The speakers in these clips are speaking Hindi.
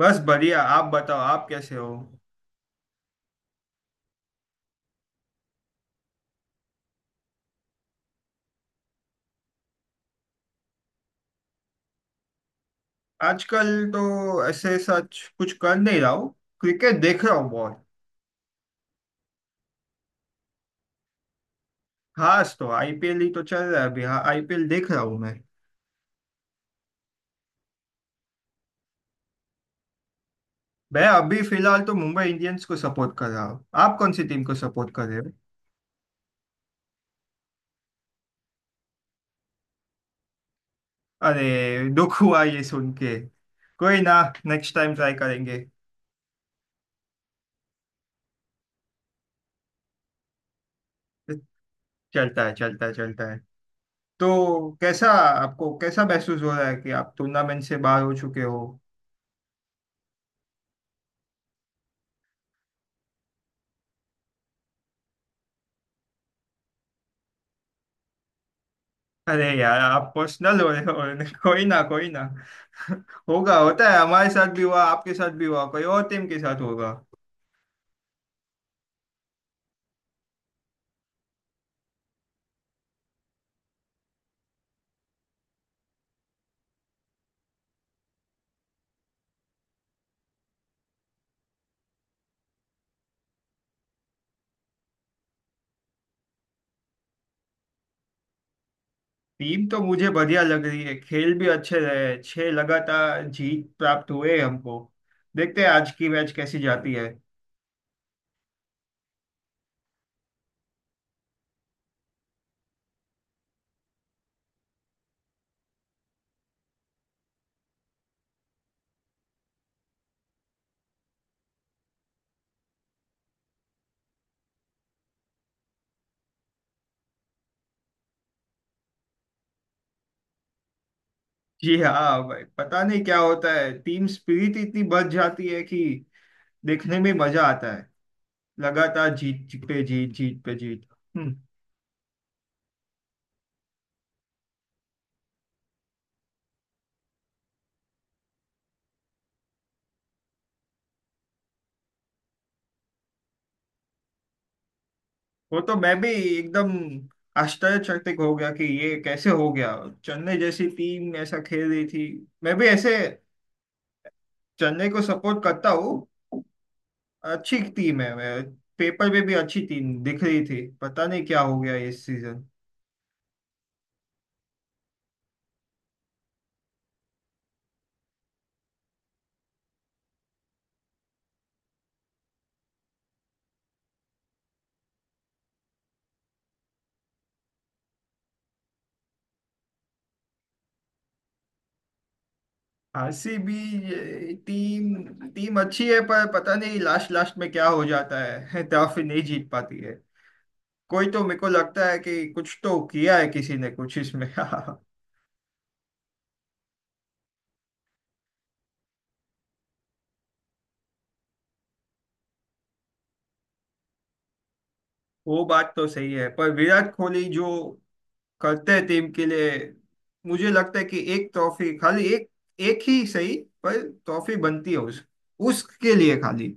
बस बढ़िया। आप बताओ आप कैसे हो। आजकल तो ऐसे सच कुछ कर नहीं रहा हूँ। क्रिकेट देख रहा हूँ बहुत। खास तो आईपीएल ही तो चल रहा है अभी। हाँ, आईपीएल देख रहा हूँ। मैं अभी फिलहाल तो मुंबई इंडियंस को सपोर्ट कर रहा हूँ। आप कौन सी टीम को सपोर्ट कर रहे हो? अरे दुख हुआ ये सुन के। कोई ना, नेक्स्ट टाइम ट्राई करेंगे। चलता है, चलता है, चलता है। तो कैसा, आपको कैसा महसूस हो रहा है कि आप टूर्नामेंट से बाहर हो चुके हो? अरे यार आप पर्सनल हो रहे हो। कोई ना, कोई ना। होगा, होता है। हमारे साथ भी हुआ, आपके साथ भी हुआ, कोई और टीम के साथ होगा। टीम तो मुझे बढ़िया लग रही है, खेल भी अच्छे रहे। छह लगातार जीत प्राप्त हुए हमको। देखते हैं आज की मैच कैसी जाती है। जी हाँ भाई, पता नहीं क्या होता है। टीम स्पिरिट इतनी बढ़ जाती है कि देखने में मजा आता है। लगातार जीत पे जीत, जीत पे जीत। हम्म। वो तो मैं भी एकदम आश्चर्यचकित हो गया कि ये कैसे हो गया। चेन्नई जैसी टीम ऐसा खेल रही थी। मैं भी ऐसे चेन्नई को सपोर्ट करता हूँ। अच्छी टीम है। मैं पेपर में भी अच्छी टीम दिख रही थी। पता नहीं क्या हो गया इस सीजन। आरसीबी टीम टीम अच्छी है, पर पता नहीं लास्ट लास्ट में क्या हो जाता है। ट्रॉफी नहीं जीत पाती है। कोई, तो मेरे को लगता है कि कुछ तो किया है किसी ने कुछ इसमें। वो बात तो सही है, पर विराट कोहली जो करते हैं टीम के लिए, मुझे लगता है कि एक ट्रॉफी, खाली एक, एक ही सही, पर ट्रॉफी बनती है उस उसके लिए खाली।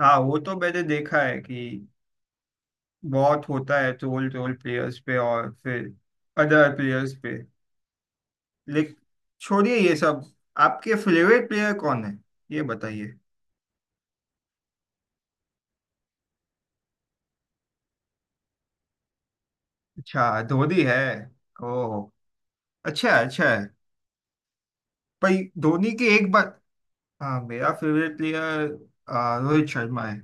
हाँ, वो तो मैंने देखा है कि बहुत होता है। ट्रोल, ट्रोल प्लेयर्स पे और फिर अदर प्लेयर्स पे। लेकिन छोड़िए ये सब। आपके फेवरेट प्लेयर कौन है, ये बताइए? अच्छा, धोनी है। ओह, अच्छा है, अच्छा है। पर धोनी की एक बात। हाँ, मेरा फेवरेट प्लेयर रोहित शर्मा है।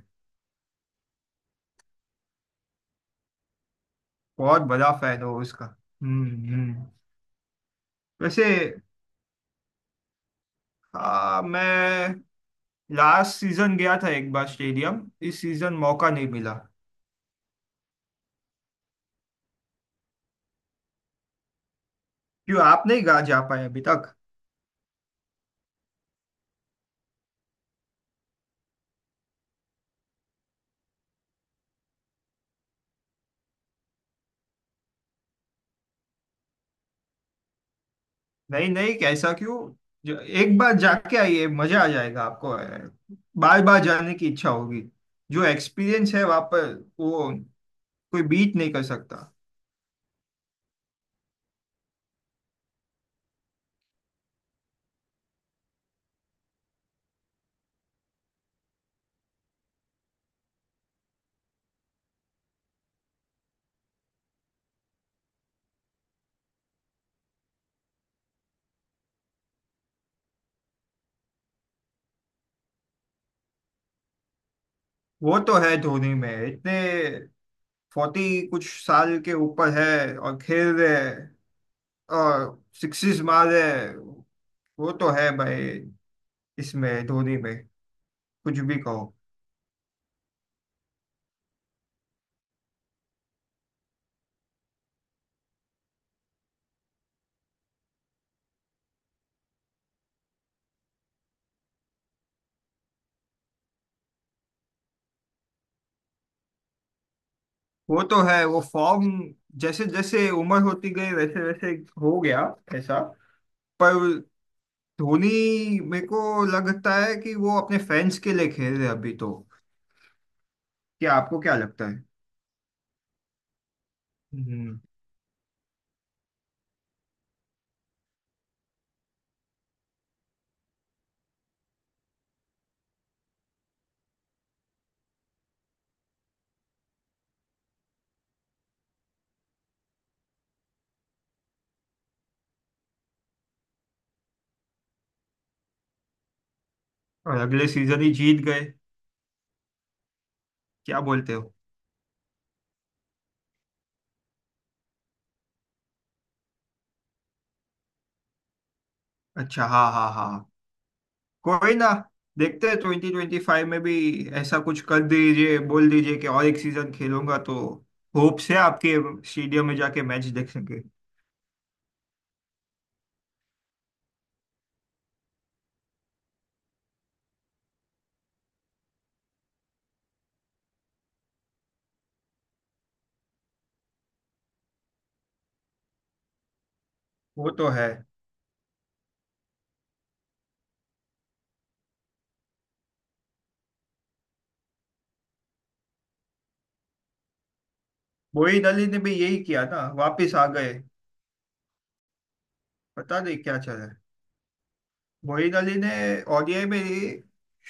बहुत बड़ा फैन हो उसका। हम्म, वैसे हाँ, मैं लास्ट सीजन गया था एक बार स्टेडियम। इस सीजन मौका नहीं मिला। क्यों, आप नहीं गा जा पाए अभी तक? नहीं नहीं, कैसा क्यों। एक बार जाके आइए, मजा आ जाएगा आपको। बार बार जाने की इच्छा होगी। जो एक्सपीरियंस है वहां पर, वो कोई बीट नहीं कर सकता। वो तो है, धोनी में इतने 40 कुछ साल के ऊपर है और खेल रहे हैं और सिक्सिस मारे। वो तो है भाई, इसमें धोनी में कुछ भी कहो। वो तो है वो फॉर्म, जैसे जैसे उम्र होती गई वैसे वैसे हो गया ऐसा। पर धोनी, मेरे को लगता है कि वो अपने फैंस के लिए खेल रहे अभी तो। क्या आपको क्या लगता है? हम्म। और अगले सीजन ही जीत गए, क्या बोलते हो? अच्छा, हाँ हाँ हाँ। कोई ना, देखते हैं 2025 में भी ऐसा कुछ कर दीजिए। बोल दीजिए कि और एक सीजन खेलूंगा, तो होप से आपके स्टेडियम में जाके मैच देखेंगे। वो तो है। मोइन अली ने भी यही किया ना, वापस आ गए। पता नहीं क्या चला है। मोइन अली ने ओडीआई में ही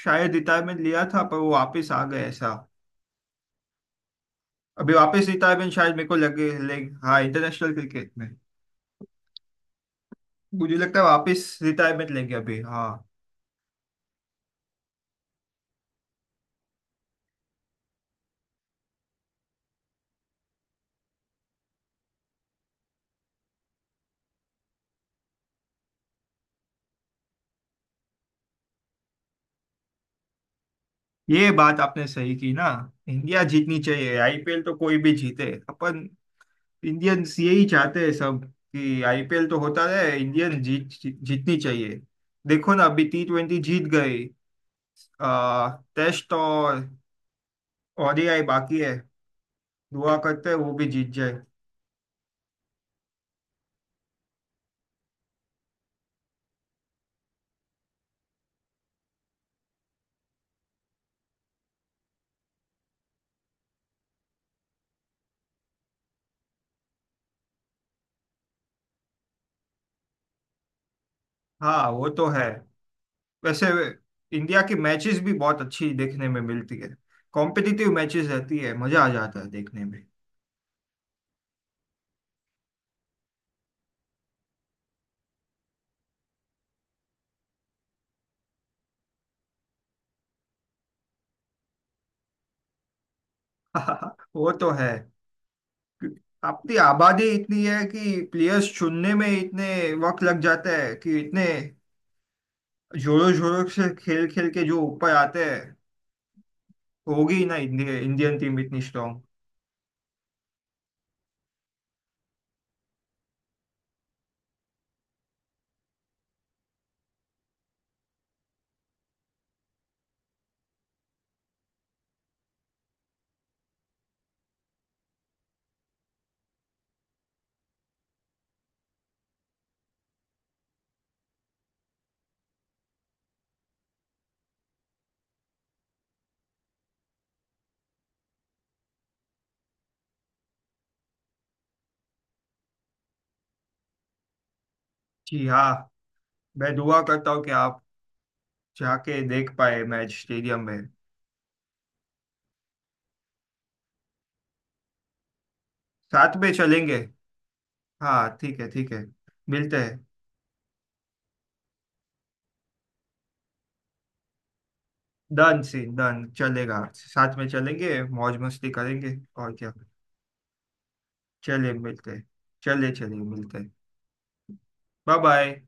शायद रिटायरमेंट लिया था, पर वो वापस आ गए ऐसा। अभी वापस रिटायरमेंट शायद मेरे को लगे ले। हाँ, इंटरनेशनल क्रिकेट में मुझे लगता है वापस रिटायरमेंट लेंगे अभी, हाँ। ये बात आपने सही की ना। इंडिया जीतनी चाहिए, आईपीएल तो कोई भी जीते अपन। इंडियंस यही चाहते हैं सब, कि आईपीएल तो होता रहे, इंडियन जीत जीतनी चाहिए। देखो ना, अभी T20 जीत गई। आ, टेस्ट और ओडीआई बाकी है। दुआ करते हैं वो भी जीत जाए। हाँ, वो तो है। वैसे इंडिया की मैचेस भी बहुत अच्छी देखने में मिलती है। कॉम्पिटिटिव मैचेस रहती है, मजा आ जाता है देखने में। वो तो है। अपनी आबादी इतनी है कि प्लेयर्स चुनने में इतने वक्त लग जाता है, कि इतने जोरों जोरों से खेल खेल के जो ऊपर आते हैं, होगी ही ना इंडिया इंडियन टीम इतनी स्ट्रांग। जी हाँ, मैं दुआ करता हूँ कि आप जाके देख पाए मैच स्टेडियम में। साथ में चलेंगे। हाँ ठीक है, ठीक है। मिलते हैं। डन सी डन, चलेगा साथ में चलेंगे, मौज मस्ती करेंगे और क्या। चलिए, मिलते हैं। चलिए, चलिए मिलते हैं। Bye bye.